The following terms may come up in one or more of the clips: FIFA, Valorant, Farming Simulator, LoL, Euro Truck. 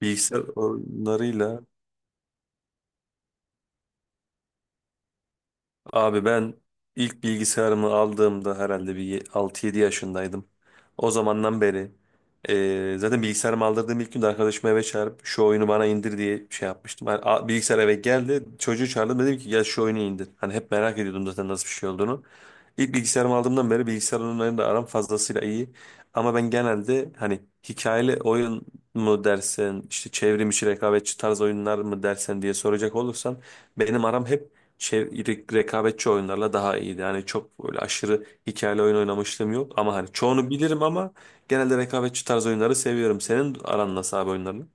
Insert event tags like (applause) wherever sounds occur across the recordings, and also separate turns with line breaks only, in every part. Bilgisayar oyunlarıyla abi ben ilk bilgisayarımı aldığımda herhalde 6-7 yaşındaydım. O zamandan beri zaten bilgisayarımı aldırdığım ilk günde arkadaşımı eve çağırıp şu oyunu bana indir diye şey yapmıştım. Hani, bilgisayar eve geldi çocuğu çağırdım dedim ki gel şu oyunu indir. Hani hep merak ediyordum zaten nasıl bir şey olduğunu. İlk bilgisayarımı aldığımdan beri bilgisayar oyunlarıyla aram fazlasıyla iyi. Ama ben genelde hani hikayeli oyun mu dersen, işte çevrim içi rekabetçi tarz oyunlar mı dersen diye soracak olursan benim aram hep rekabetçi oyunlarla daha iyiydi. Yani çok böyle aşırı hikayeli oyun oynamışlığım yok ama hani çoğunu bilirim ama genelde rekabetçi tarz oyunları seviyorum. Senin aran nasıl abi oyunlarla?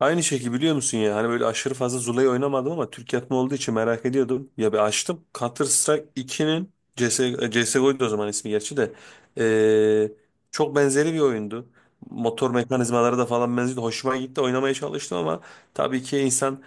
Aynı şekilde biliyor musun ya hani böyle aşırı fazla Zula'yı oynamadım ama Türk yapımı olduğu için merak ediyordum. Ya bir açtım Counter Strike 2'nin CS, CSGO'ydu o zaman ismi gerçi de. Ee, Çok benzeri bir oyundu. Motor mekanizmaları da falan benziyordu. Hoşuma gitti oynamaya çalıştım ama tabii ki insan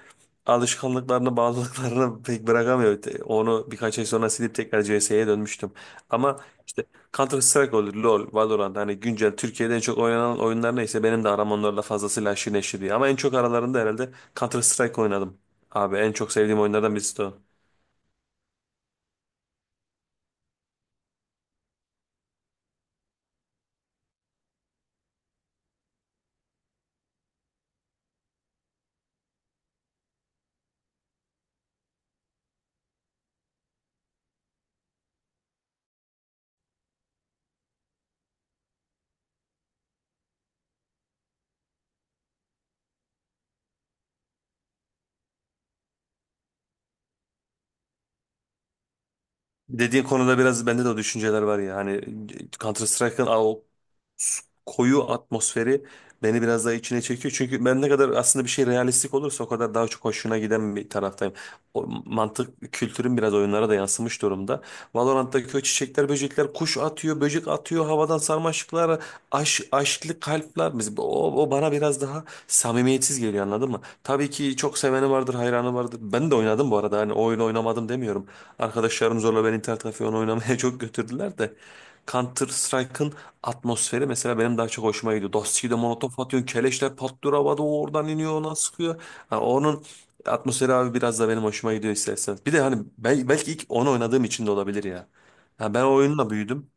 alışkanlıklarını bağlılıklarını pek bırakamıyor. Onu birkaç ay sonra silip tekrar CS'ye dönmüştüm. Ama işte Counter Strike olur, LoL, Valorant hani güncel Türkiye'de en çok oynanan oyunlar neyse benim de aram onlarla fazlasıyla aşırı neşir diye. Ama en çok aralarında herhalde Counter Strike oynadım. Abi en çok sevdiğim oyunlardan birisi de o. Dediğin konuda biraz bende de o düşünceler var ya hani Counter Strike'ın o koyu atmosferi beni biraz daha içine çekiyor. Çünkü ben ne kadar aslında bir şey realistik olursa o kadar daha çok hoşuna giden bir taraftayım. O mantık kültürün biraz oyunlara da yansımış durumda. Valorant'taki o çiçekler, böcekler, kuş atıyor, böcek atıyor, havadan sarmaşıklar, aşklı kalpler. Mesela o bana biraz daha samimiyetsiz geliyor anladın mı? Tabii ki çok seveni vardır, hayranı vardır. Ben de oynadım bu arada. Hani o oyunu oynamadım demiyorum. Arkadaşlarım zorla beni internet kafeye onu oynamaya (laughs) çok götürdüler de. Counter Strike'ın atmosferi mesela benim daha çok hoşuma gidiyor. Dosti'yi de molotof atıyorsun, keleşler patlıyor havada, o oradan iniyor, ona sıkıyor. Ha, onun atmosferi abi biraz da benim hoşuma gidiyor istersen. Bir de hani belki ilk onu oynadığım için de olabilir ya. Ha, ben o oyunla büyüdüm.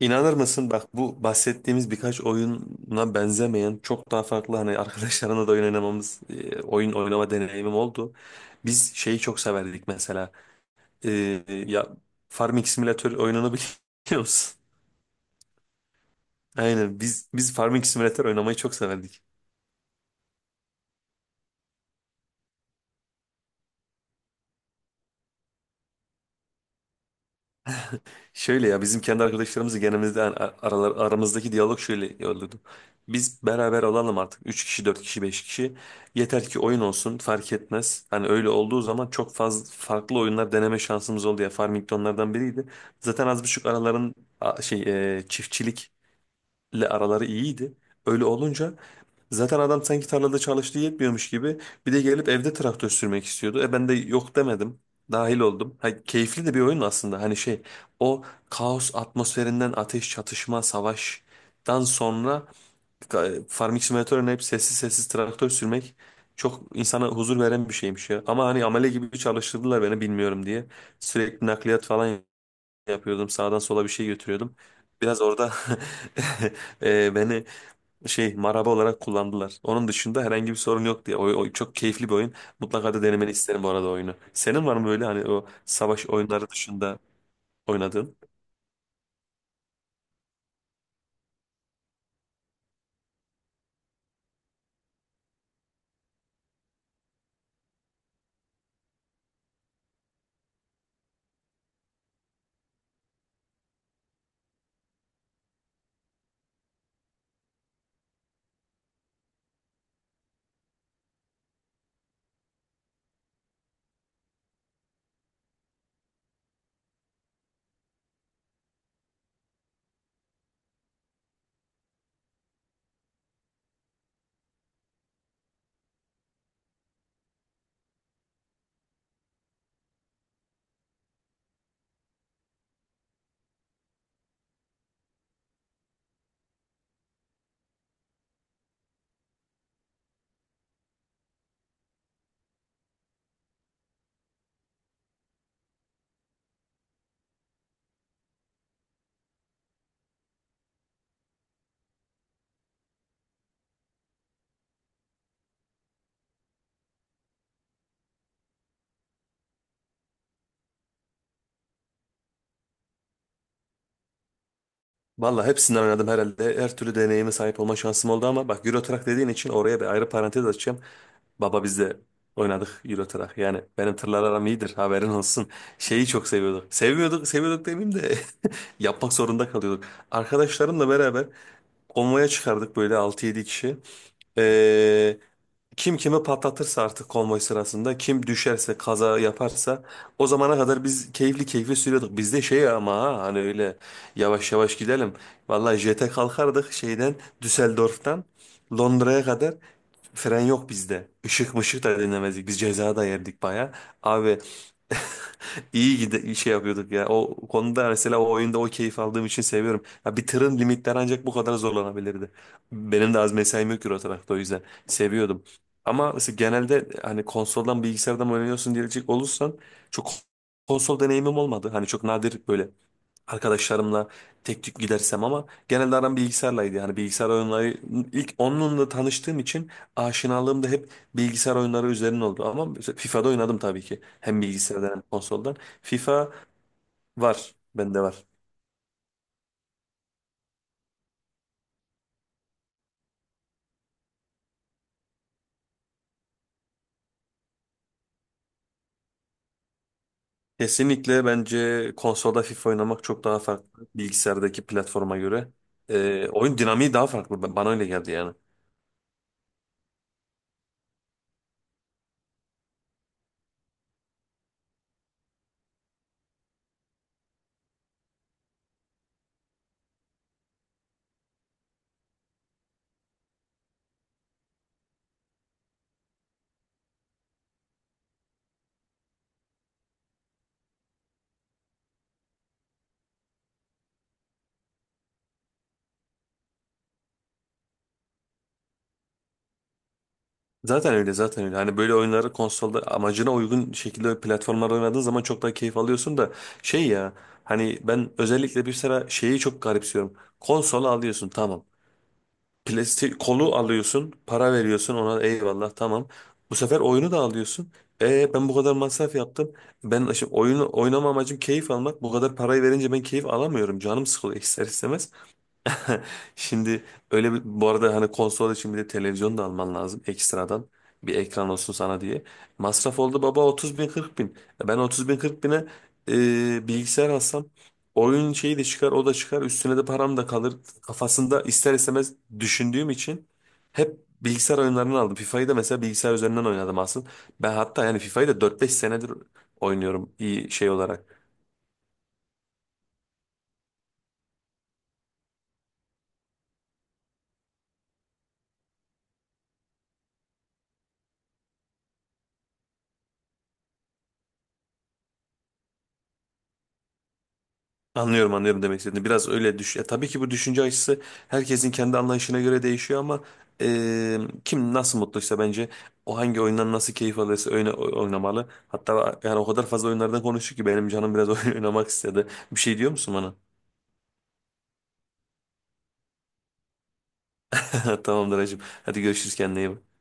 İnanır mısın bak bu bahsettiğimiz birkaç oyuna benzemeyen çok daha farklı hani arkadaşlarına da oyun oynamamız oyun oynama deneyimim oldu. Biz şeyi çok severdik mesela. E, ya Farming Simulator oyununu biliyor musun? (laughs) Aynen biz Farming Simulator oynamayı çok severdik. Şöyle ya bizim kendi arkadaşlarımızı genelimiz aramızdaki diyalog şöyle olurdu. Biz beraber olalım artık. 3 kişi, 4 kişi, 5 kişi. Yeter ki oyun olsun fark etmez. Hani öyle olduğu zaman çok fazla farklı oyunlar deneme şansımız oldu ya. Farming de onlardan biriydi. Zaten az buçuk araların şey çiftçilik araları iyiydi. Öyle olunca zaten adam sanki tarlada çalıştığı yetmiyormuş gibi bir de gelip evde traktör sürmek istiyordu. E ben de yok demedim. Dahil oldum. Ha, keyifli de bir oyun aslında. Hani şey o kaos atmosferinden ateş, çatışma, savaştan sonra e, Farming Simulator'ın hep sessiz sessiz traktör sürmek çok insana huzur veren bir şeymiş ya. Ama hani amele gibi çalıştırdılar beni bilmiyorum diye. Sürekli nakliyat falan yapıyordum. Sağdan sola bir şey götürüyordum. Biraz orada (laughs) beni şey maraba olarak kullandılar. Onun dışında herhangi bir sorun yok diye. O, o çok keyifli bir oyun. Mutlaka da denemeni isterim bu arada oyunu. Senin var mı böyle hani o savaş oyunları dışında oynadığın? Valla hepsinden oynadım herhalde. Her türlü deneyime sahip olma şansım oldu ama bak Euro Truck dediğin için oraya bir ayrı parantez açacağım. Baba biz de oynadık Euro Truck. Yani benim tırlar aram iyidir haberin olsun. Şeyi çok seviyorduk. Sevmiyorduk, seviyorduk demeyeyim de (laughs) yapmak zorunda kalıyorduk. Arkadaşlarımla beraber konvoya çıkardık böyle altı yedi kişi. Ee, Kim kimi patlatırsa artık konvoy sırasında, kim düşerse, kaza yaparsa o zamana kadar biz keyifli keyifli sürüyorduk. Bizde şey ama ha, hani öyle yavaş yavaş gidelim. Vallahi jete kalkardık şeyden Düsseldorf'tan Londra'ya kadar fren yok bizde. Işık mışık da dinlemezdik. Biz ceza da yerdik baya. Abi İyi gide şey yapıyorduk ya. O konuda mesela o oyunda o keyif aldığım için seviyorum. Ya bir tırın limitleri ancak bu kadar zorlanabilirdi. Benim de az mesaim yok Euro tarafta o yüzden seviyordum. Ama mesela genelde hani konsoldan bilgisayardan oynuyorsun diyecek olursan çok konsol deneyimim olmadı. Hani çok nadir böyle arkadaşlarımla tek tük gidersem ama genelde aram bilgisayarlaydı. Yani bilgisayar oyunları ilk onunla tanıştığım için aşinalığım da hep bilgisayar oyunları üzerine oldu. Ama mesela FIFA'da oynadım tabii ki. Hem bilgisayardan hem konsoldan. FIFA var. Bende var. Kesinlikle bence konsolda FIFA oynamak çok daha farklı. Bilgisayardaki platforma göre. Oyun dinamiği daha farklı. Bana öyle geldi yani. Zaten öyle zaten öyle. Hani böyle oyunları konsolda amacına uygun şekilde platformlarda oynadığın zaman çok daha keyif alıyorsun da şey ya hani ben özellikle bir sıra şeyi çok garipsiyorum. Konsol alıyorsun tamam. Plastik kolu alıyorsun, para veriyorsun ona eyvallah tamam. Bu sefer oyunu da alıyorsun. E ben bu kadar masraf yaptım. Ben şimdi oyunu oynama amacım keyif almak. Bu kadar parayı verince ben keyif alamıyorum. Canım sıkılıyor (laughs) ister istemez. (laughs) Şimdi öyle bir bu arada hani konsol için bir de televizyon da alman lazım ekstradan. Bir ekran olsun sana diye. Masraf oldu baba 30 bin 40 bin. E ben 30 bin 40 bine bilgisayar alsam oyun şeyi de çıkar o da çıkar üstüne de param da kalır. Kafasında ister istemez düşündüğüm için hep bilgisayar oyunlarını aldım. FIFA'yı da mesela bilgisayar üzerinden oynadım aslında. Ben hatta yani FIFA'yı da 4-5 senedir oynuyorum iyi şey olarak. Anlıyorum anlıyorum demek istediğini. Biraz öyle düş. Ya, tabii ki bu düşünce açısı herkesin kendi anlayışına göre değişiyor ama e, kim nasıl mutluysa bence o hangi oyundan nasıl keyif alırsa oynamalı. Hatta yani o kadar fazla oyunlardan konuştuk ki benim canım biraz (laughs) oyun oynamak istedi. Bir şey diyor musun bana? (laughs) Tamamdır hacım. Hadi görüşürüz kendine iyi bak.